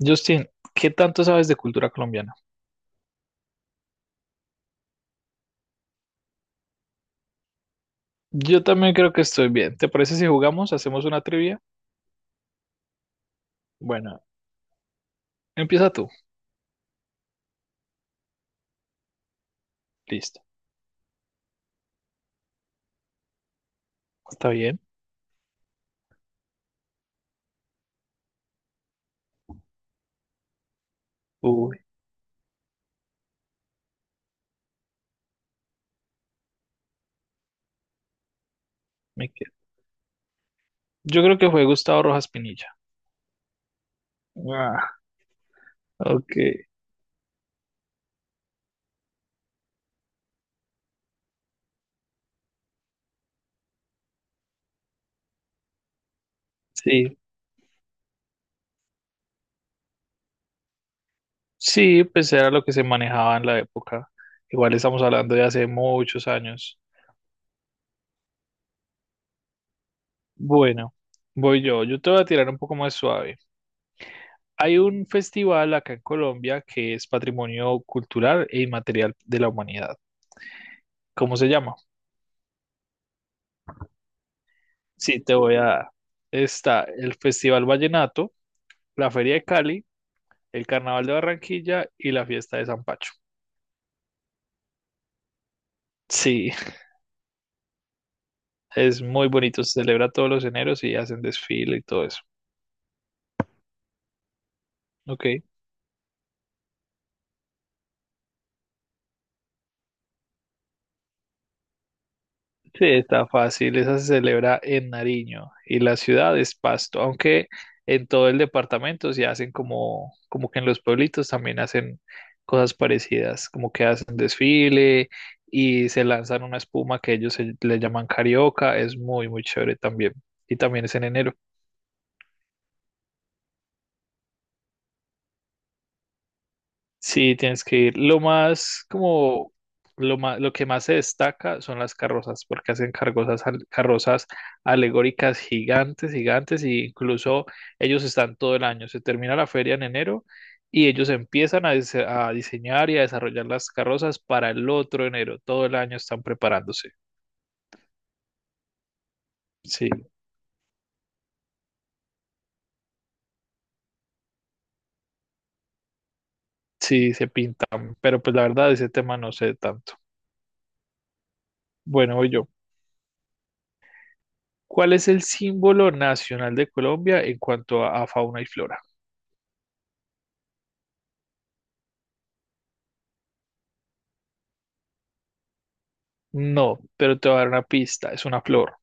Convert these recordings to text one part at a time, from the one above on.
Justin, ¿qué tanto sabes de cultura colombiana? Yo también creo que estoy bien. ¿Te parece si jugamos? ¿Hacemos una trivia? Bueno, empieza tú. Listo. ¿Está bien? Uy, me quedo. Yo creo que fue Gustavo Rojas Pinilla. Ah, ok. Sí. Sí, pues era lo que se manejaba en la época. Igual estamos hablando de hace muchos años. Bueno, voy yo. Yo te voy a tirar un poco más suave. Hay un festival acá en Colombia que es Patrimonio Cultural e Inmaterial de la Humanidad. ¿Cómo se llama? Sí, te voy a dar. Está el Festival Vallenato, la Feria de Cali, el Carnaval de Barranquilla y la Fiesta de San Pacho. Sí, es muy bonito. Se celebra todos los eneros y hacen desfile y todo eso. Ok. Sí, está fácil. Esa se celebra en Nariño y la ciudad es Pasto, aunque en todo el departamento se hacen como que en los pueblitos también hacen cosas parecidas, como que hacen desfile y se lanzan una espuma que le llaman carioca. Es muy, muy chévere también. Y también es en enero. Sí, tienes que ir. Lo más, como, lo que más se destaca son las carrozas, porque hacen carrozas, carrozas alegóricas gigantes, gigantes, y incluso ellos están todo el año. Se termina la feria en enero y ellos empiezan a diseñar y a desarrollar las carrozas para el otro enero. Todo el año están preparándose. Sí, sí, se pintan, pero pues la verdad ese tema no sé tanto. Bueno, voy yo. ¿Cuál es el símbolo nacional de Colombia en cuanto a fauna y flora? No, pero te voy a dar una pista, es una flor.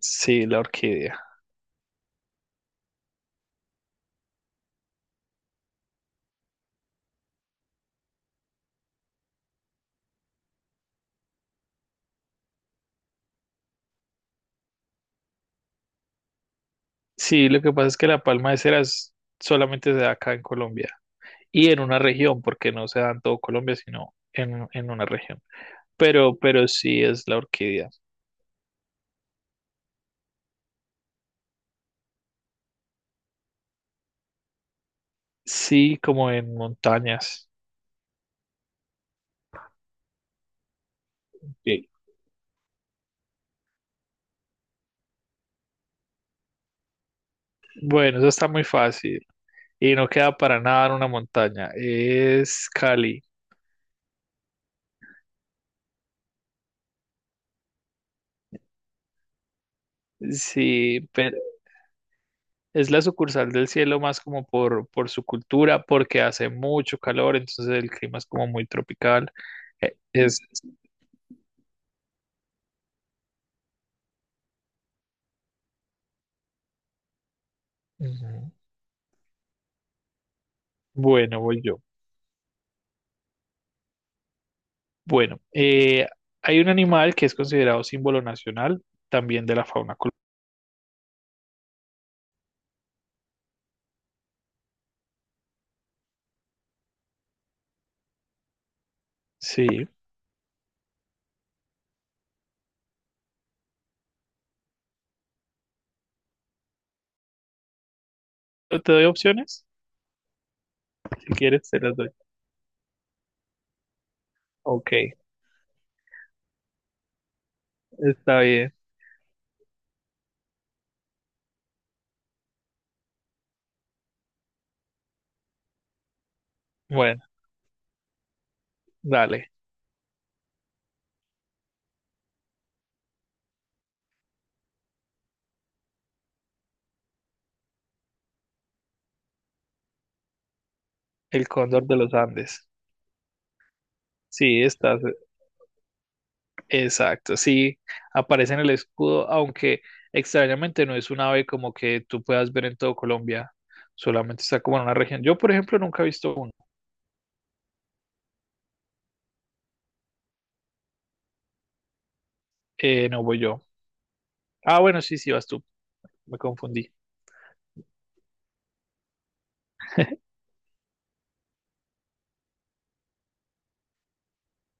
Sí, la orquídea. Sí, lo que pasa es que la palma de cera es- solamente se da acá en Colombia y en una región, porque no se da en todo Colombia, sino en una región. Pero sí es la orquídea. Sí, como en montañas. Sí. Bueno, eso está muy fácil y no queda para nada en una montaña. Es Cali. Sí, pero. Es la sucursal del cielo más como por su cultura, porque hace mucho calor, entonces el clima es como muy tropical. Es, ujú. Bueno, voy yo. Bueno, hay un animal que es considerado símbolo nacional también de la fauna colombiana. Sí, te doy opciones. Si quieres, te las doy. Ok, está bien. Bueno, dale. El cóndor de los Andes. Sí, estás, exacto, sí, aparece en el escudo, aunque extrañamente no es un ave como que tú puedas ver en todo Colombia, solamente está como en una región. Yo, por ejemplo, nunca he visto uno. No voy yo. Ah, bueno, sí, vas tú. Me confundí.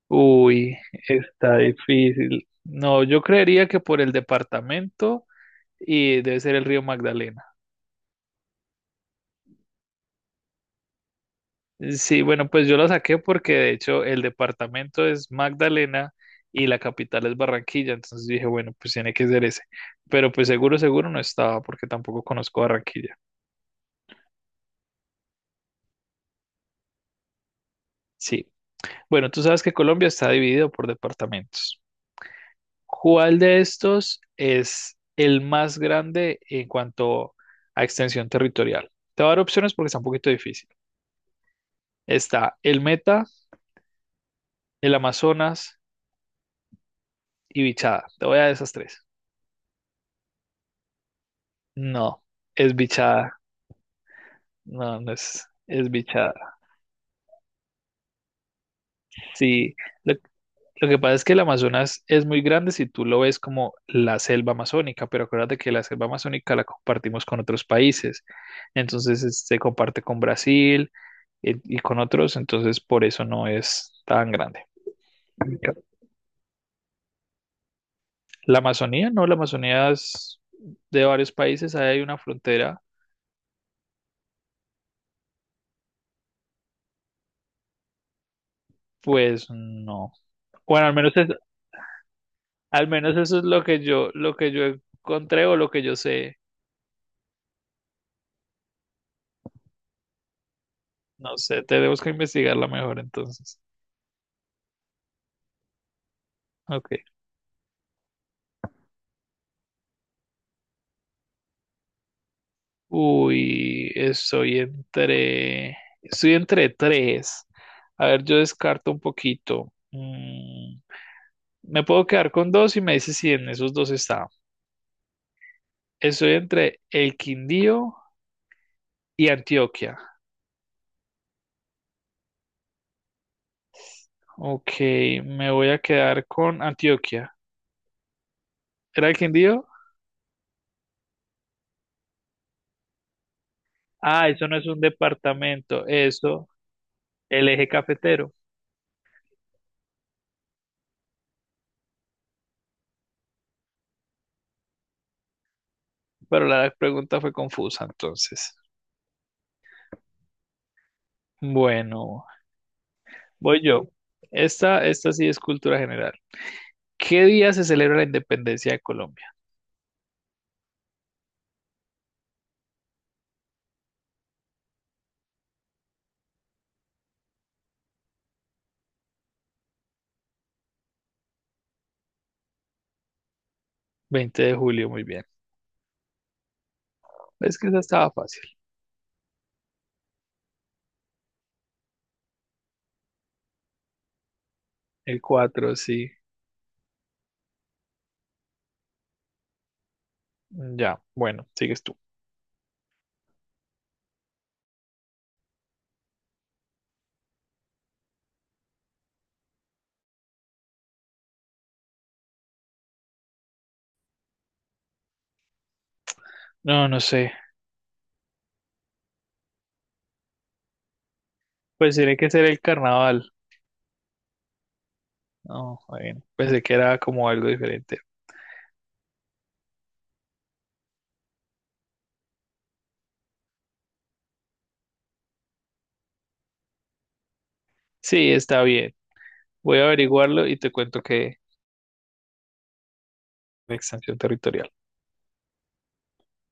Uy, está difícil. No, yo creería que por el departamento y debe ser el río Magdalena. Sí, bueno, pues yo la saqué porque de hecho el departamento es Magdalena y la capital es Barranquilla, entonces dije, bueno, pues tiene que ser ese. Pero pues seguro, seguro no estaba porque tampoco conozco Barranquilla. Sí. Bueno, tú sabes que Colombia está dividido por departamentos. ¿Cuál de estos es el más grande en cuanto a extensión territorial? Te voy a dar opciones porque está un poquito difícil. Está el Meta, el Amazonas y Bichada. Te voy a dar esas tres. No, es Bichada. No, no es, es bichada. Sí, lo, lo que pasa es que el Amazonas es muy grande si tú lo ves como la selva amazónica, pero acuérdate que la selva amazónica la compartimos con otros países. Se comparte con Brasil y con otros, entonces por eso no es tan grande. La Amazonía, no, la Amazonía es de varios países, ahí hay una frontera, pues no. Bueno, al menos es, al menos eso es lo que yo encontré o lo que yo sé. No sé, tenemos que investigarla mejor entonces. Ok. Uy, estoy entre. Estoy entre tres. A ver, yo descarto un poquito. Mm, me puedo quedar con dos y me dice si en esos dos está. Estoy entre el Quindío y Antioquia. Ok, me voy a quedar con Antioquia. ¿Era el Quindío? Ah, eso no es un departamento, eso, el eje cafetero. Pero la pregunta fue confusa entonces. Bueno. Voy yo. Esta sí es cultura general. ¿Qué día se celebra la independencia de Colombia? ¿20 de julio? Muy bien. Es que esa estaba fácil. El 4 sí. Ya, bueno, sigues tú. No, no sé. Pues tiene que ser el carnaval. No, bueno, pensé que era como algo diferente. Sí, está bien. Voy a averiguarlo y te cuento que la extensión territorial.